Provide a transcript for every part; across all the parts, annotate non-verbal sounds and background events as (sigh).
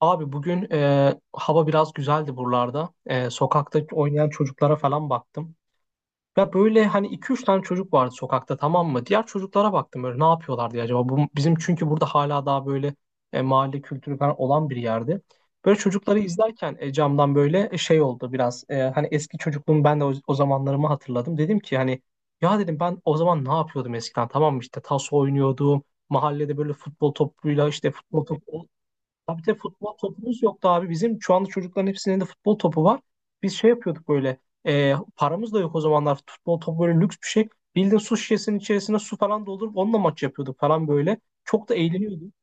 Abi bugün hava biraz güzeldi buralarda. Sokakta oynayan çocuklara falan baktım. Ya böyle hani iki üç tane çocuk vardı sokakta, tamam mı? Diğer çocuklara baktım böyle ne yapıyorlar diye acaba. Bu, bizim çünkü burada hala daha böyle mahalle kültürü falan olan bir yerde. Böyle çocukları izlerken camdan böyle şey oldu biraz. Hani eski çocukluğum, ben de o zamanlarımı hatırladım. Dedim ki hani ya, dedim, ben o zaman ne yapıyordum eskiden, tamam mı? İşte taso oynuyordum. Mahallede böyle futbol topuyla, işte futbol topu. Abi bir de futbol topumuz yoktu abi. Bizim şu anda çocukların hepsinin de futbol topu var. Biz şey yapıyorduk böyle. Paramız da yok o zamanlar. Futbol topu böyle lüks bir şey. Bildiğin su şişesinin içerisine su falan doldurup onunla maç yapıyorduk falan böyle. Çok da eğleniyorduk.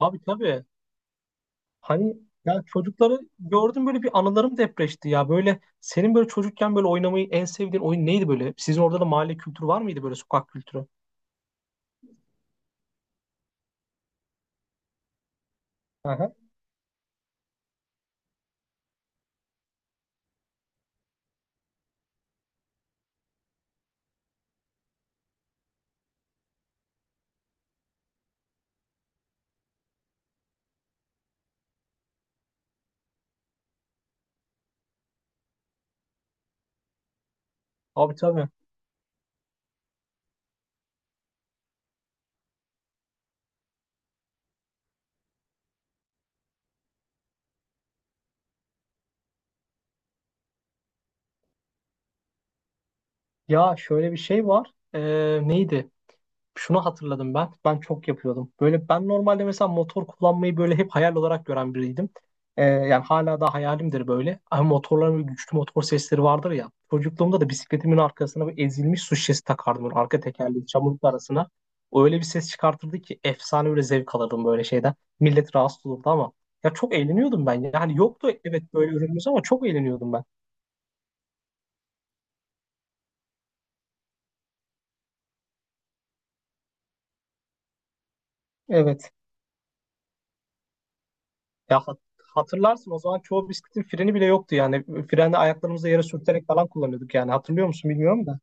Abi tabii. Hani ya, çocukları gördüm böyle, bir anılarım depreşti ya. Böyle senin böyle çocukken böyle oynamayı en sevdiğin oyun neydi böyle? Sizin orada da mahalle kültürü var mıydı, böyle sokak kültürü? Aha. Abi tabii. Ya şöyle bir şey var. Neydi? Şunu hatırladım ben. Ben çok yapıyordum. Böyle ben normalde mesela motor kullanmayı böyle hep hayal olarak gören biriydim. Yani hala da hayalimdir böyle. Ama motorların böyle güçlü motor sesleri vardır ya. Çocukluğumda da bisikletimin arkasına bir ezilmiş su şişesi takardım. Böyle arka tekerleği çamurluk arasına. O öyle bir ses çıkartırdı ki, efsane, böyle zevk alırdım böyle şeyden. Millet rahatsız olurdu ama. Ya çok eğleniyordum ben. Yani yoktu, evet, böyle ürünümüz, ama çok eğleniyordum ben. Evet. Ya hatırlarsın, o zaman çoğu bisikletin freni bile yoktu yani. Freni ayaklarımızı yere sürterek falan kullanıyorduk yani. Hatırlıyor musun bilmiyorum da.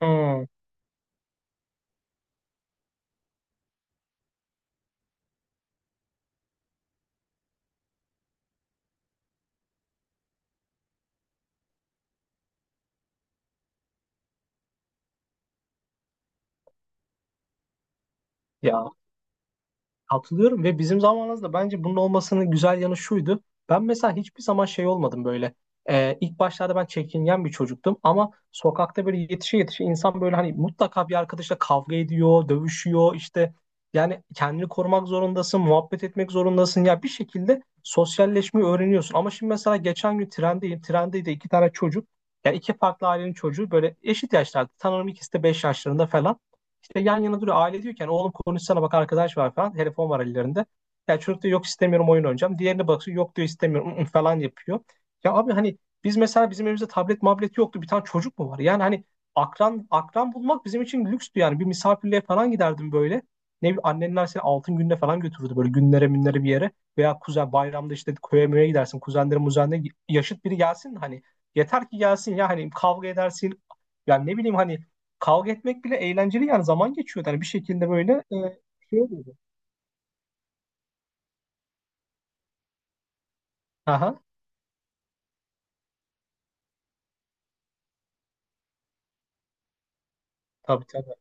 Hmm. Ya katılıyorum, ve bizim zamanımızda bence bunun olmasının güzel yanı şuydu. Ben mesela hiçbir zaman şey olmadım böyle. İlk başlarda ben çekingen bir çocuktum, ama sokakta böyle yetişe yetişe insan böyle hani mutlaka bir arkadaşla kavga ediyor, dövüşüyor işte. Yani kendini korumak zorundasın, muhabbet etmek zorundasın. Ya bir şekilde sosyalleşmeyi öğreniyorsun. Ama şimdi mesela geçen gün trendeyim. Trende de iki tane çocuk. Yani iki farklı ailenin çocuğu böyle eşit yaşlarda. Sanırım ikisi de 5 yaşlarında falan. İşte yan yana duruyor. Aile diyorken, oğlum konuşsana, bak arkadaş var falan. Telefon var ellerinde. Ya çocuk diyor yok, istemiyorum, oyun oynayacağım. Diğerine bakıyor, yok diyor, istemiyorum, (laughs) ı-ı falan yapıyor. Ya abi hani biz mesela, bizim evimizde tablet mablet yoktu. Bir tane çocuk mu var? Yani hani akran akran bulmak bizim için lükstü yani. Bir misafirliğe falan giderdim böyle. Ne bileyim, annenler seni altın gününe falan götürürdü, böyle günlere minlere bir yere. Veya kuzen, bayramda işte köye möye gidersin. Kuzenlerin muzenlerin yaşıt biri gelsin hani. Yeter ki gelsin ya, hani kavga edersin. Yani ne bileyim hani, kavga etmek bile eğlenceli, yani zaman geçiyor. Yani bir şekilde böyle şey oluyordu. Aha, tabii tabii.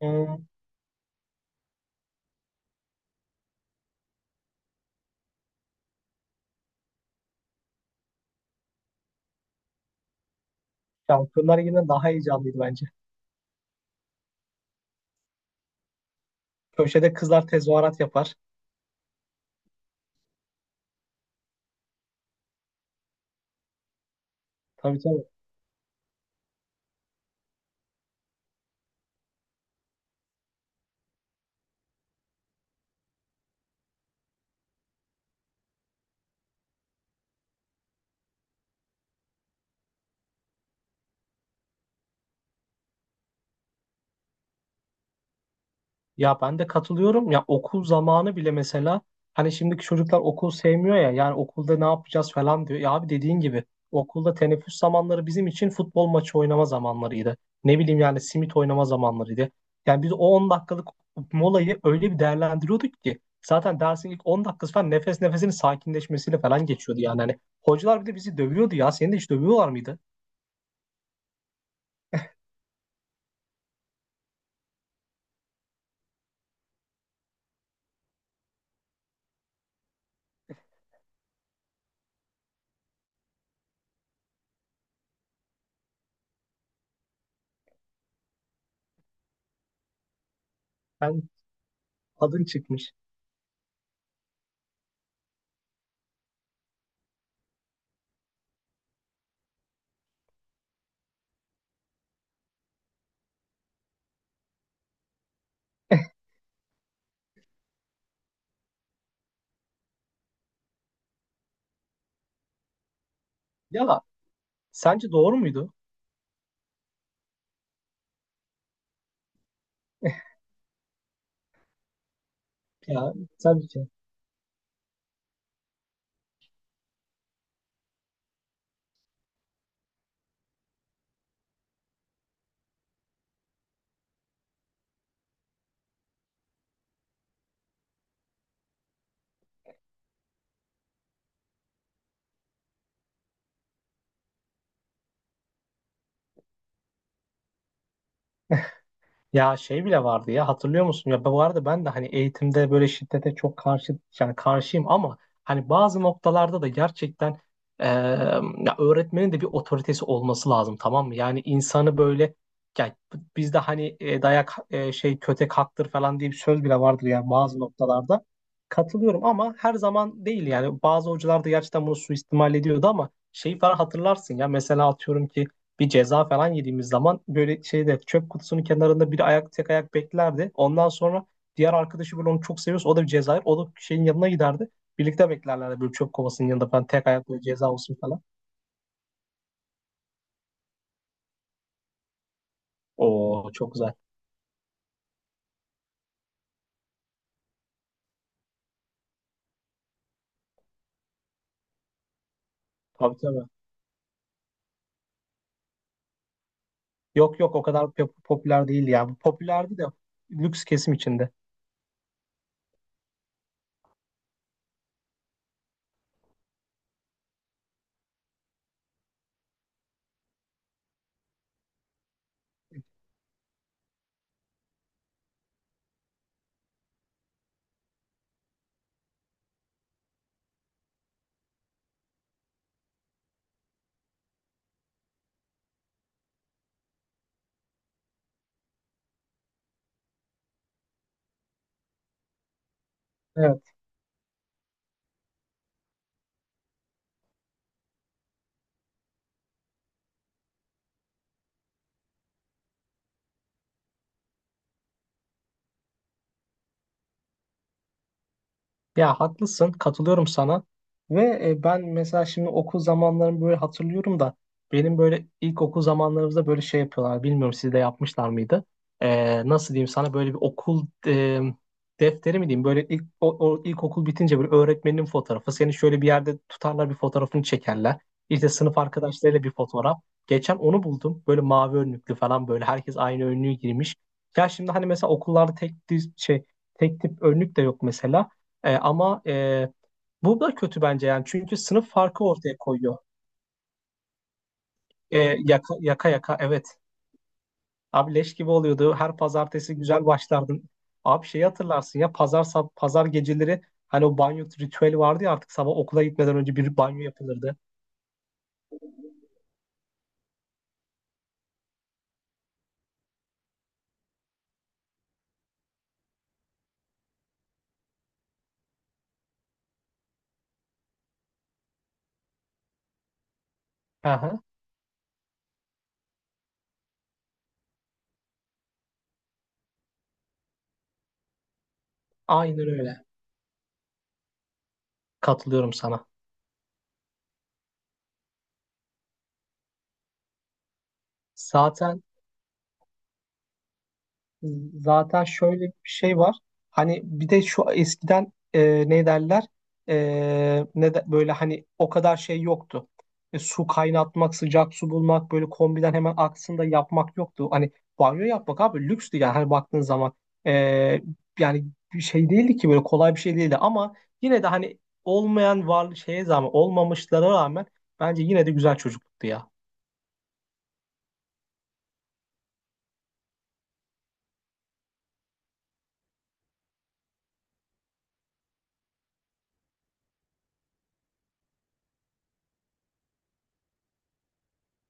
E, Şampiyonlar yine daha heyecanlıydı bence. Köşede kızlar tezahürat yapar. Tabii tabii. Ya ben de katılıyorum. Ya okul zamanı bile mesela, hani şimdiki çocuklar okul sevmiyor ya. Yani okulda ne yapacağız falan diyor. Ya abi, dediğin gibi okulda teneffüs zamanları bizim için futbol maçı oynama zamanlarıydı. Ne bileyim yani, simit oynama zamanlarıydı. Yani biz o 10 dakikalık molayı öyle bir değerlendiriyorduk ki, zaten dersin ilk 10 dakikası falan nefes nefesinin sakinleşmesiyle falan geçiyordu yani. Hani hocalar bir de bizi dövüyordu ya. Seni de hiç dövüyorlar mıydı? Ben Adın çıkmış. Ya sence doğru muydu? (laughs) Ya sence. Ya şey bile vardı ya, hatırlıyor musun? Ya bu arada ben de hani eğitimde böyle şiddete çok karşı, yani karşıyım, ama hani bazı noktalarda da gerçekten eee, ya, öğretmenin de bir otoritesi olması lazım, tamam mı? Yani insanı böyle, ya, bizde hani dayak, şey, kötek haktır falan diye bir söz bile vardır yani, bazı noktalarda. Katılıyorum, ama her zaman değil, yani bazı hocalar da gerçekten bunu suistimal ediyordu. Ama şeyi falan hatırlarsın ya, mesela atıyorum ki bir ceza falan yediğimiz zaman böyle şeyde, çöp kutusunun kenarında bir ayak, tek ayak beklerdi. Ondan sonra diğer arkadaşı böyle onu çok seviyorsa o da bir ceza yer. O da şeyin yanına giderdi. Birlikte beklerlerdi böyle çöp kovasının yanında falan, tek ayak, böyle ceza olsun falan. Oo çok güzel. Tabii tabii. Yok yok, o kadar popüler değil ya. Bu popülerdi de, lüks kesim içinde. Evet. Ya haklısın, katılıyorum sana. Ve ben mesela şimdi okul zamanlarımı böyle hatırlıyorum da, benim böyle ilk okul zamanlarımızda böyle şey yapıyorlar. Bilmiyorum siz de yapmışlar mıydı? Nasıl diyeyim sana, böyle bir okul defteri mi diyeyim? Böyle ilk o ilkokul bitince böyle öğretmenin fotoğrafı. Seni şöyle bir yerde tutarlar, bir fotoğrafını çekerler. İşte sınıf arkadaşlarıyla bir fotoğraf. Geçen onu buldum. Böyle mavi önlüklü falan, böyle herkes aynı önlüğü girmiş. Ya şimdi hani mesela okullarda tek düz şey, tek tip önlük de yok mesela. Ama bu da kötü bence, yani çünkü sınıf farkı ortaya koyuyor. E, Yaka, evet. Abi leş gibi oluyordu. Her pazartesi güzel başlardın. Abi şeyi hatırlarsın ya, pazar pazar geceleri hani o banyo ritüeli vardı ya, artık sabah okula gitmeden önce bir banyo yapılırdı. Aha, aynen öyle. Katılıyorum sana. Zaten Zaten şöyle bir şey var. Hani bir de şu, eskiden ne derler, böyle hani o kadar şey yoktu. Su kaynatmak, sıcak su bulmak, böyle kombiden hemen aksında yapmak yoktu. Hani banyo yapmak abi lükstü yani, hani baktığın zaman. E, Yani bir şey değildi ki, böyle kolay bir şey değildi, ama yine de hani olmayan var şeye zaman olmamışlara rağmen bence yine de güzel çocukluktu ya.